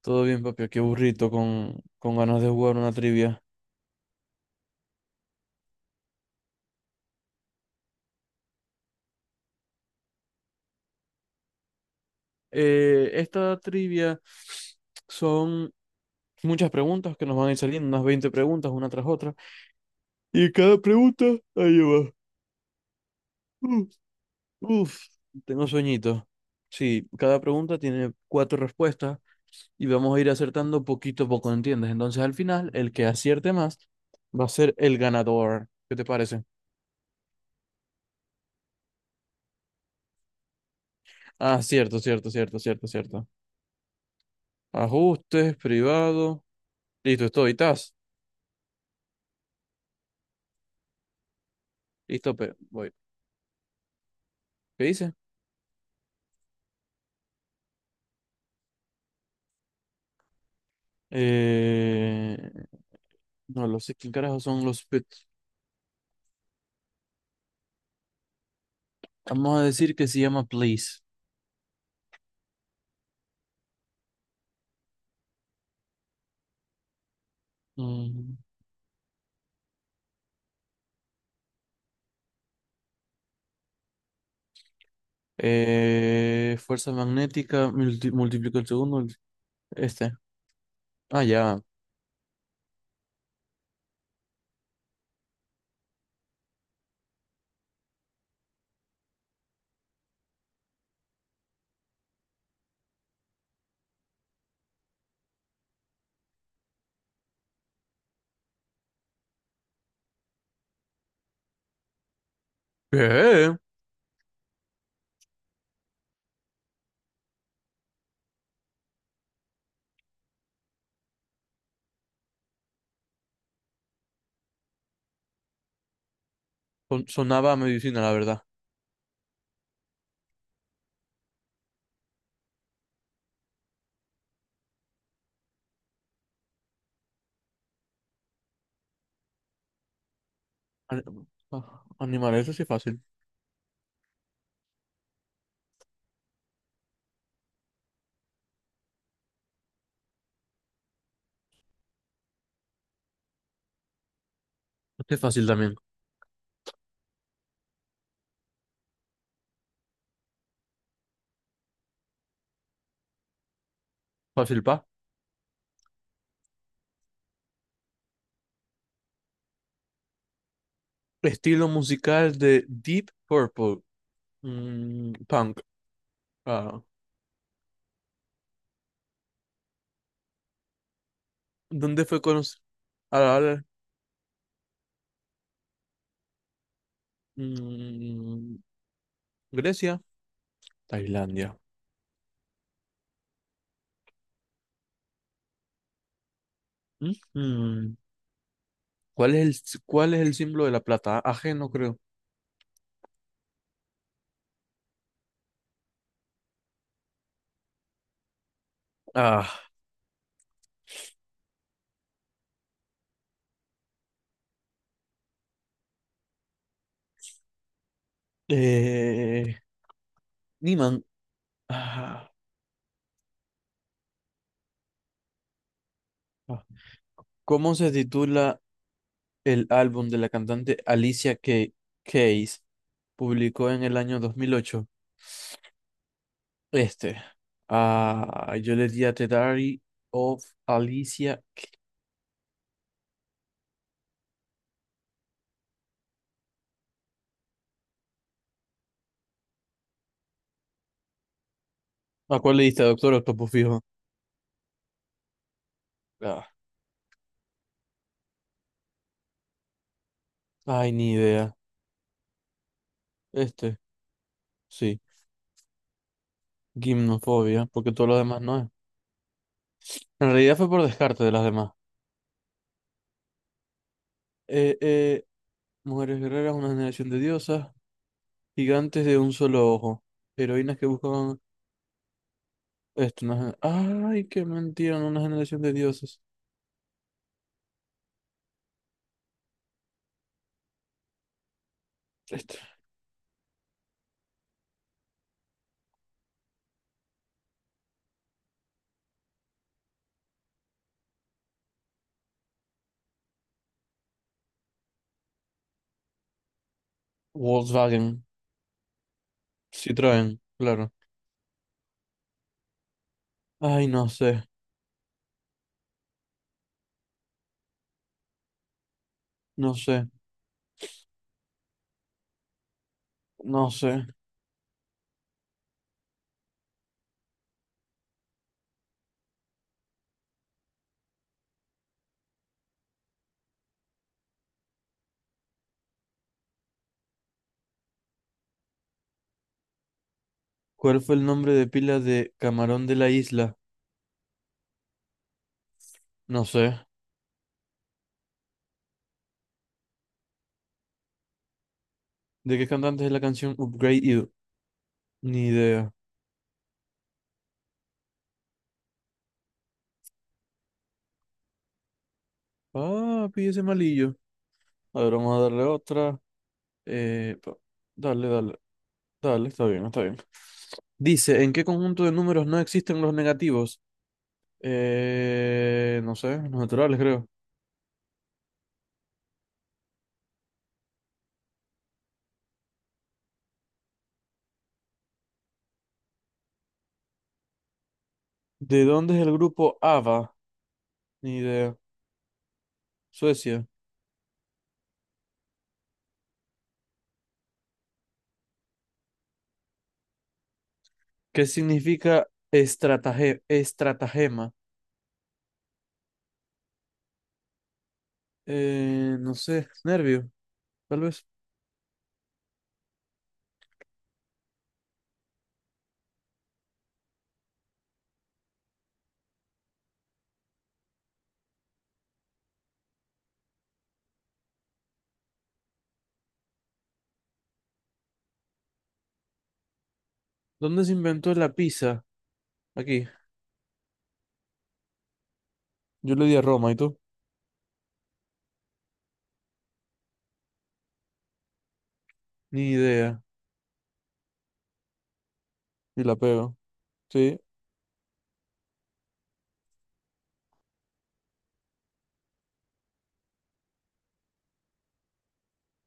Todo bien, papi, qué burrito con ganas de jugar una trivia. Esta trivia son muchas preguntas que nos van a ir saliendo, unas 20 preguntas una tras otra. Y cada pregunta, ahí va. Uf, uf, Tengo sueñito. Sí, cada pregunta tiene 4 respuestas y vamos a ir acertando poquito a poco, ¿entiendes? Entonces al final, el que acierte más va a ser el ganador. ¿Qué te parece? Ah, cierto, cierto, cierto, cierto, cierto. Ajustes, privado. Listo, estoy, estás. Listo, pero voy. ¿Qué dice? Eh, no lo sé quién carajo son los pets. Vamos a decir que se llama Please. Mm. Fuerza magnética, multiplica el segundo. Este. Ah, ya. ¿Qué? Sonaba a medicina, la verdad. Ani- ah, animal, eso sí es fácil. Este es fácil también. Fácil, pa. Estilo musical de Deep Purple. Mm, punk. Ah. ¿Dónde fue conocido? Grecia, Tailandia. Ujú. ¿Cuál es cuál es el símbolo de la plata? AG, no creo. Ah, eh, Niman. Ah, ah. ¿Cómo se titula el álbum de la cantante Keys? ¿Publicó en el año 2008? Este. Ah, yo le di a The Diary of Alicia. ¿A cuál le diste? Doctor Octopus fijo. Ah, ay, ni idea. Este, sí. Gimnofobia, porque todo lo demás no es. En realidad fue por descarte de las demás. Eh, eh, Mujeres guerreras, una generación de diosas, gigantes de un solo ojo, heroínas que buscaban esto. Una... Ay, qué mentira, no una generación de diosas. Esto. Volkswagen, Citroën, claro. Ay, no sé, no sé, no sé. ¿Cuál fue el nombre de pila de Camarón de la Isla? No sé. ¿De qué cantante es la canción Upgrade You? Ni idea. Ah, pille ese malillo. A ver, vamos a darle otra. Eh, pa- Dale, dale. Dale, está bien, está bien. Dice, ¿en qué conjunto de números no existen los negativos? No sé, los naturales, creo. ¿De dónde es el grupo ABBA? Ni idea. Suecia. ¿Qué significa estratagema? No sé, nervio, tal vez. ¿Dónde se inventó la pizza? Aquí. Yo le di a Roma, ¿y tú? Ni idea. Y la pego. Sí,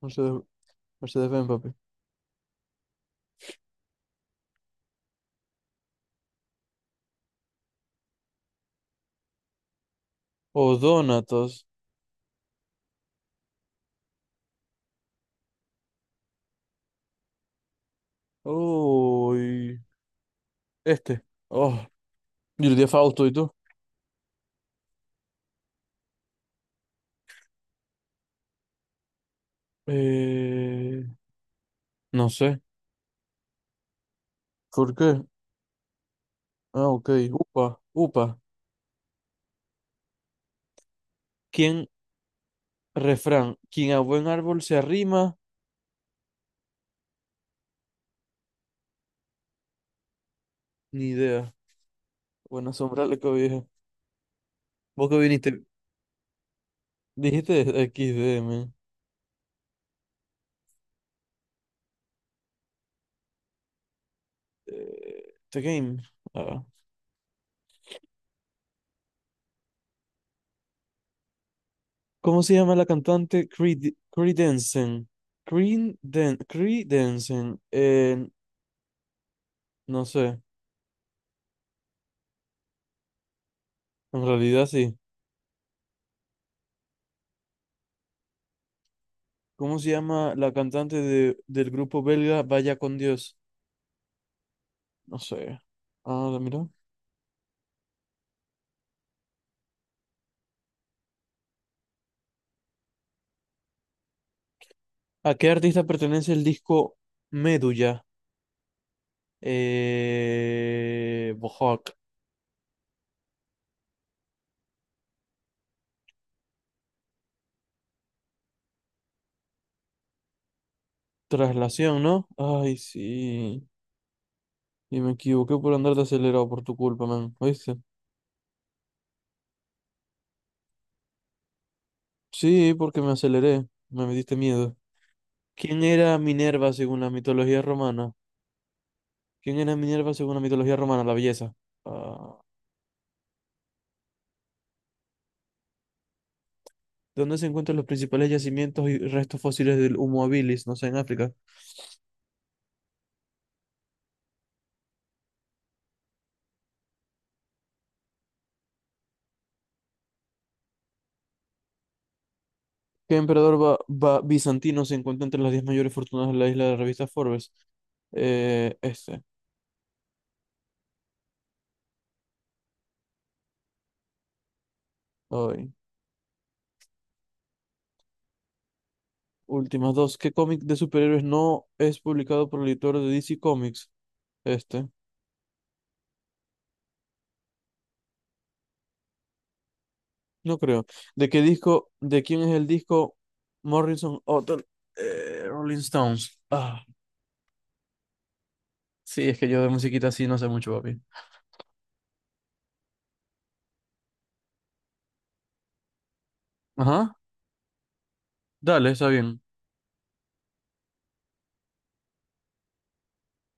Mercedes, Mercedes-Benz, papi. O Donatos. Uy, este. Oh, yo le di a Fausto, ¿y tú? Eh, no sé. ¿Por qué? Ah, ok. Upa, upa. ¿Quién? Refrán. Quien a buen árbol se arrima, ni idea. Buena sombra le cobija. ¿Vos que viniste? Dijiste X D man. The Game. Ah. ¿Cómo se llama la cantante Creed, Creedensen? Creedensen. No sé. En realidad sí. ¿Cómo se llama la cantante de, del grupo belga Vaya con Dios? No sé. Ah, mira. ¿A qué artista pertenece el disco Medulla? Bohawk. Traslación, ¿no? Ay, sí. Y me equivoqué por andar de acelerado por tu culpa, man. ¿Oíste? Sí, porque me aceleré. Me metiste miedo. ¿Quién era Minerva según la mitología romana? ¿Quién era Minerva según la mitología romana? La belleza. Ah, ¿dónde se encuentran los principales yacimientos y restos fósiles del Homo habilis? No sé, en África. ¿Qué emperador bizantino se encuentra entre las 10 mayores fortunas de la isla de la revista Forbes? Este, hoy. Últimas dos. ¿Qué cómic de superhéroes no es publicado por el editor de DC Comics? Este, no creo. ¿De qué disco, de quién es el disco Morrison Hotel, Rolling Stones? Ah, sí, es que yo de musiquita así no sé mucho, papi. Ajá, dale, está bien.